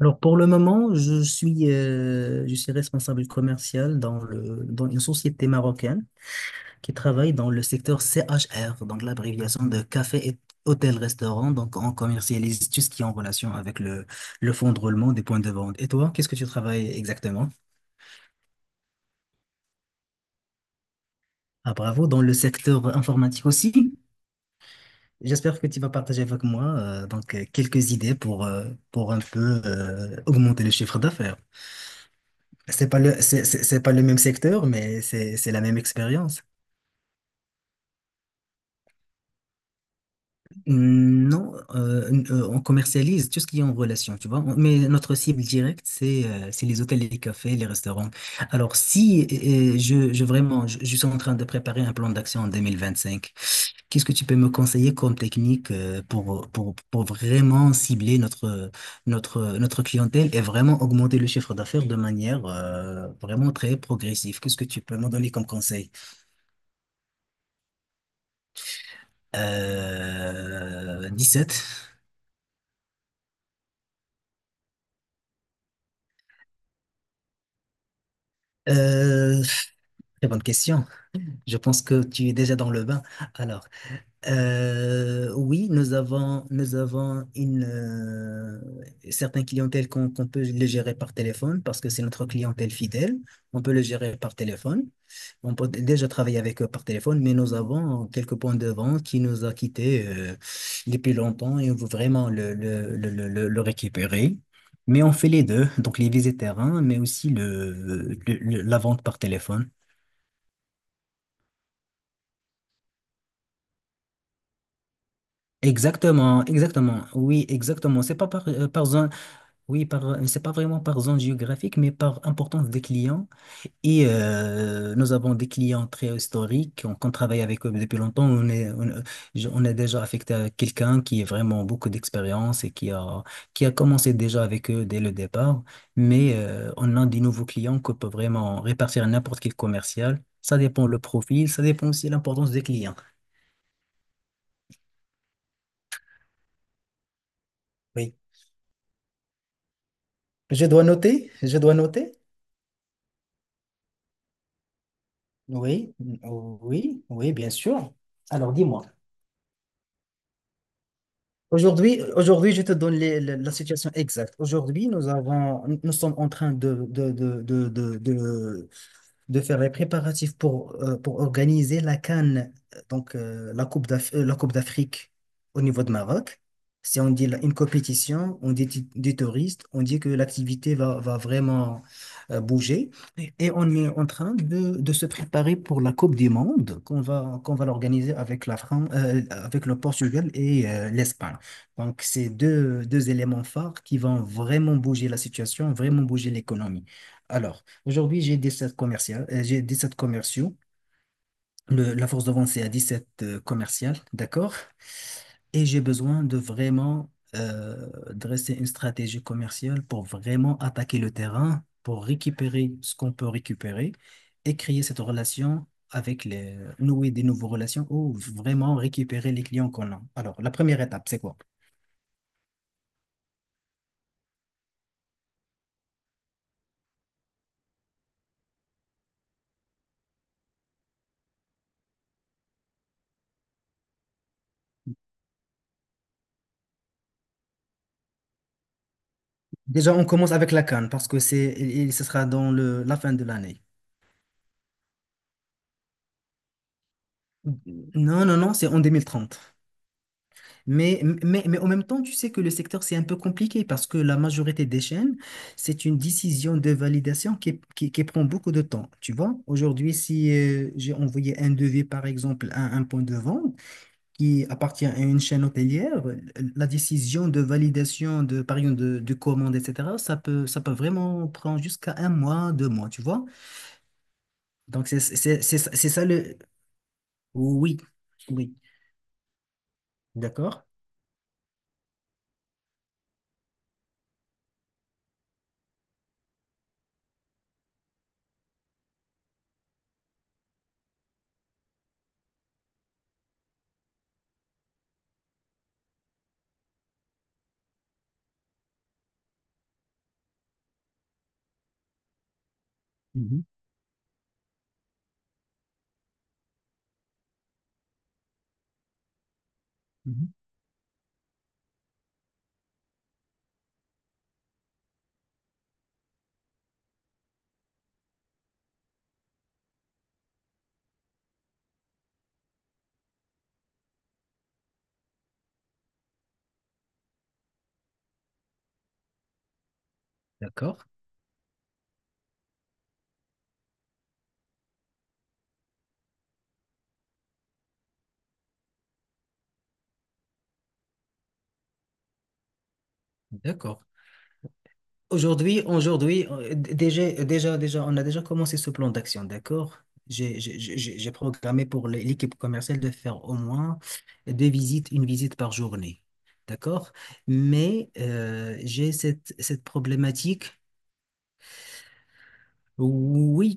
Alors pour le moment, je suis responsable commercial dans dans une société marocaine qui travaille dans le secteur CHR, donc l'abréviation de café et hôtel-restaurant. Donc on commercialise tout ce qui est en relation avec le fonds de roulement des points de vente. Et toi, qu'est-ce que tu travailles exactement? Ah bravo, dans le secteur informatique aussi. J'espère que tu vas partager avec moi quelques idées pour un peu augmenter le chiffre d'affaires. C'est pas le même secteur, mais c'est la même expérience. Non, n- On commercialise tout ce qui est en relation, tu vois. Mais notre cible directe, c'est les hôtels, les cafés, les restaurants. Alors, si je Vraiment, je suis en train de préparer un plan d'action en 2025. Qu'est-ce que tu peux me conseiller comme technique pour vraiment cibler notre clientèle et vraiment augmenter le chiffre d'affaires de manière vraiment très progressive? Qu'est-ce que tu peux me donner comme conseil? Euh, sept. Euh, très bonne question. Je pense que tu es déjà dans le bain. Alors, oui, nous avons une certaines clientèles qu'on peut les gérer par téléphone parce que c'est notre clientèle fidèle. On peut les gérer par téléphone. On peut déjà travailler avec eux par téléphone, mais nous avons quelques points de vente qui nous a quittés depuis longtemps et on veut vraiment le récupérer. Mais on fait les deux, donc les visites terrain, mais aussi la vente par téléphone. Exactement, exactement, oui, exactement. C'est pas par, par zone. Oui, par, c'est pas vraiment par zone géographique, mais par importance des clients. Et nous avons des clients très historiques, qu'on travaille avec eux depuis longtemps. On est déjà affecté à quelqu'un qui a vraiment beaucoup d'expérience et qui a commencé déjà avec eux dès le départ. Mais on a des nouveaux clients qu'on peut vraiment répartir à n'importe quel commercial. Ça dépend le profil, ça dépend aussi de l'importance des clients. Oui. Je dois noter, je dois noter. Oui, oui, oui, bien sûr. Alors dis-moi. Aujourd'hui, je te donne la situation exacte. Aujourd'hui, nous sommes en train de faire les préparatifs pour organiser la CAN, la Coupe d'Afrique au niveau de Maroc. Si on dit une compétition, on dit des touristes, on dit que l'activité va vraiment bouger. Et on est en train de se préparer pour la Coupe du Monde qu'on va l'organiser avec la France, avec le Portugal et l'Espagne. Donc, c'est deux éléments phares qui vont vraiment bouger la situation, vraiment bouger l'économie. Alors, aujourd'hui, j'ai 17 commerciales, j'ai sept commerciaux. Le- la force de vente, c'est à 17 commerciales, d'accord? Et j'ai besoin de vraiment euh, dresser une stratégie commerciale pour vraiment attaquer le terrain, pour récupérer ce qu'on peut récupérer et créer cette relation avec les, nouer des nouvelles relations ou vraiment récupérer les clients qu'on a. Alors, la première étape, c'est quoi? Déjà, on commence avec la CAN parce que et ce sera dans la fin de l'année. Non, non, non, c'est en 2030. Mais en même temps, tu sais que le secteur, c'est un peu compliqué parce que la majorité des chaînes, c'est une décision de validation qui prend beaucoup de temps. Tu vois, aujourd'hui, si j'ai envoyé un devis, par exemple, à un point de vente qui appartient à une chaîne hôtelière, la décision de validation de, par exemple, de commande, etc., ça peut vraiment prendre jusqu'à 1 mois, 2 mois, tu vois. Donc, c'est ça le... Oui, oui, d'accord. Mhm, mhm. D'accord, d'accord. Aujourd'hui, déjà, on a déjà commencé ce plan d'action, d'accord? J'ai programmé pour l'équipe commerciale de faire au moins 2 visites, 1 visite par journée, d'accord? Mais j'ai cette problématique. Oui,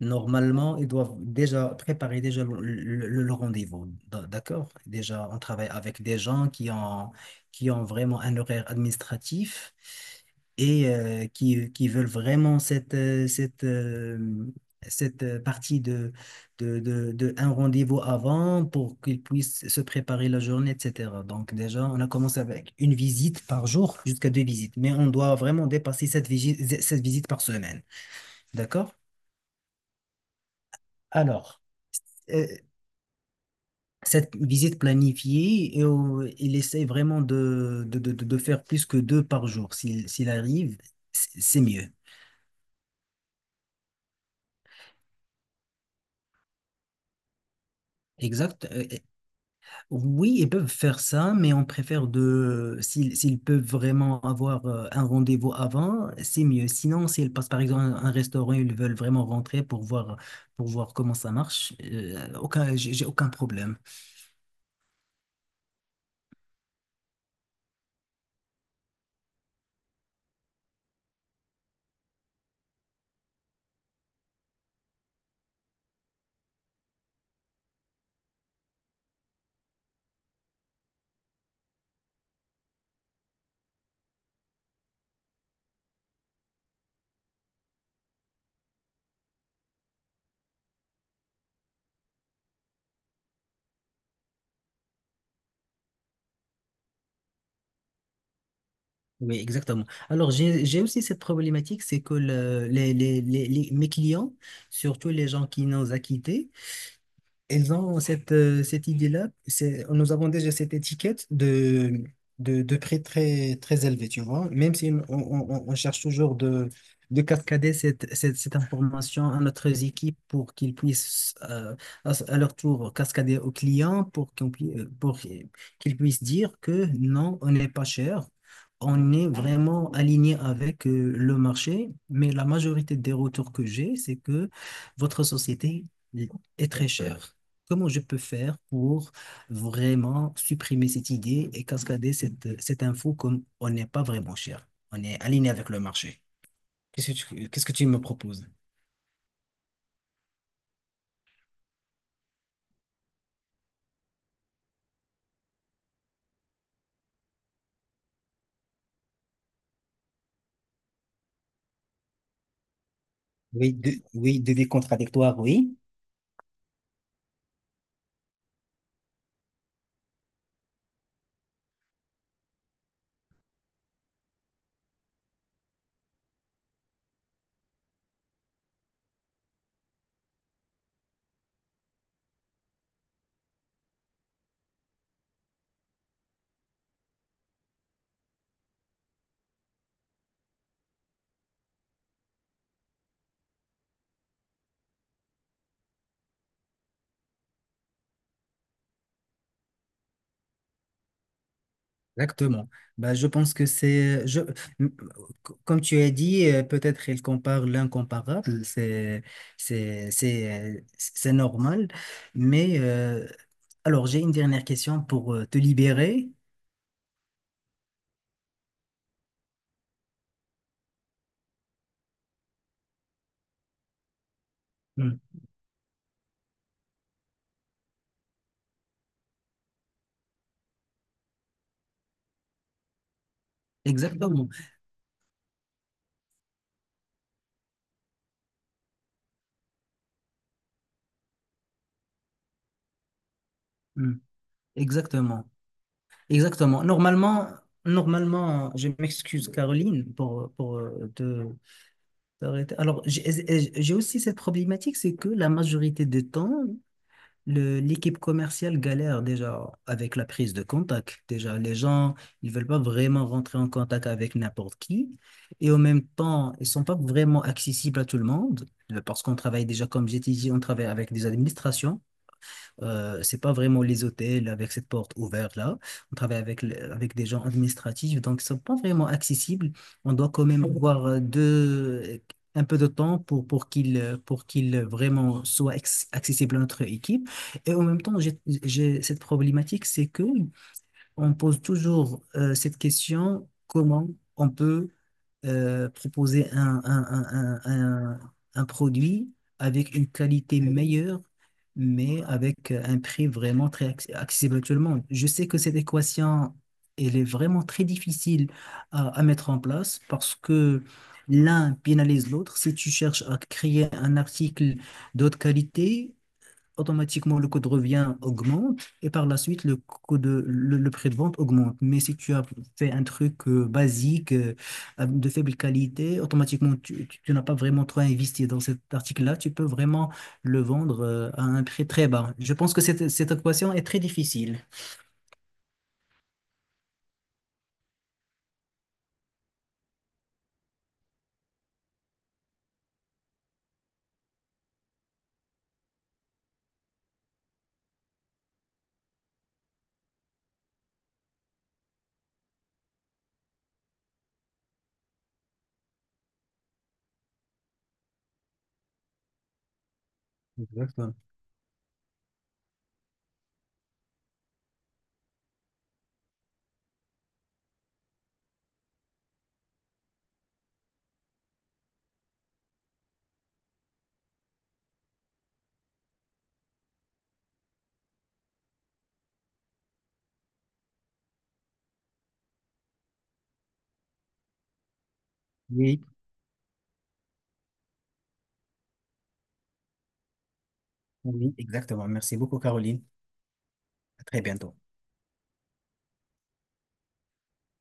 normalement, ils doivent déjà préparer déjà le rendez-vous, d'accord? Déjà, on travaille avec des gens qui ont vraiment un horaire administratif et qui veulent vraiment cette partie de un rendez-vous avant pour qu'ils puissent se préparer la journée, etc. Donc déjà, on a commencé avec 1 visite par jour jusqu'à 2 visites, mais on doit vraiment dépasser cette visite par semaine, d'accord? Alors, euh, cette visite planifiée et il essaie vraiment faire plus que deux par jour. S'il arrive, c'est mieux. Exact. Oui, ils peuvent faire ça, mais on préfère de, s'ils peuvent vraiment avoir un rendez-vous avant, c'est mieux. Sinon, s'ils passent par exemple à un, restaurant, ils veulent vraiment rentrer pour voir comment ça marche, aucun, j'ai aucun problème. Oui, exactement. Alors, j'ai aussi cette problématique, c'est que mes clients, surtout les gens qui nous ont quittés, elles ont cette idée-là. C'est, nous avons déjà cette étiquette de prix très, très élevé, tu vois. Même si on cherche toujours de cascader cette information à notre équipe pour qu'ils puissent, à leur tour, cascader aux clients pour qu'ils puissent dire que non, on n'est pas cher. On est vraiment aligné avec le marché, mais la majorité des retours que j'ai, c'est que votre société est très chère. Comment je peux faire pour vraiment supprimer cette idée et cascader cette info comme on n'est pas vraiment cher? On est aligné avec le marché. Qu'est-ce que tu me proposes? Oui, devis contradictoire, oui. Exactement. Bah, je pense que c'est, je, m- c- comme tu as dit, peut-être il compare l'incomparable, c'est normal. Mais alors, j'ai une dernière question pour te libérer. Mm. Exactement. Mm. Exactement. Exactement. Normalement, normalement, je m'excuse, Caroline, pour te t'arrêter. Alors, j'ai aussi cette problématique, c'est que la majorité des temps, l'équipe commerciale galère déjà avec la prise de contact. Déjà, les gens, ils veulent pas vraiment rentrer en contact avec n'importe qui. Et en même temps, ils sont pas vraiment accessibles à tout le monde. Euh, parce qu'on travaille déjà, comme j'ai dit, on travaille avec des administrations. C'est pas vraiment les hôtels avec cette porte ouverte là. On travaille avec, avec des gens administratifs, donc ils sont pas vraiment accessibles. On doit quand même avoir un peu de temps pour, pour qu'ils vraiment soient accessibles à notre équipe. Et en même temps, j'ai cette problématique, c'est que on pose toujours cette question, comment on peut proposer un produit avec une qualité meilleure, mais avec un prix vraiment très accessible à tout le monde. Je sais que cette équation, elle est vraiment très difficile à mettre en place parce que l'un pénalise l'autre. Si tu cherches à créer un article d'autre qualité, automatiquement le code revient augmente et par la suite le prix de vente augmente. Mais si tu as fait un truc basique de faible qualité, automatiquement tu n'as pas vraiment trop investi dans cet article-là, tu peux vraiment le vendre à un prix très bas. Je pense que cette équation est très difficile. Exactement. Oui, oui, exactement. Merci beaucoup, Caroline. À très bientôt.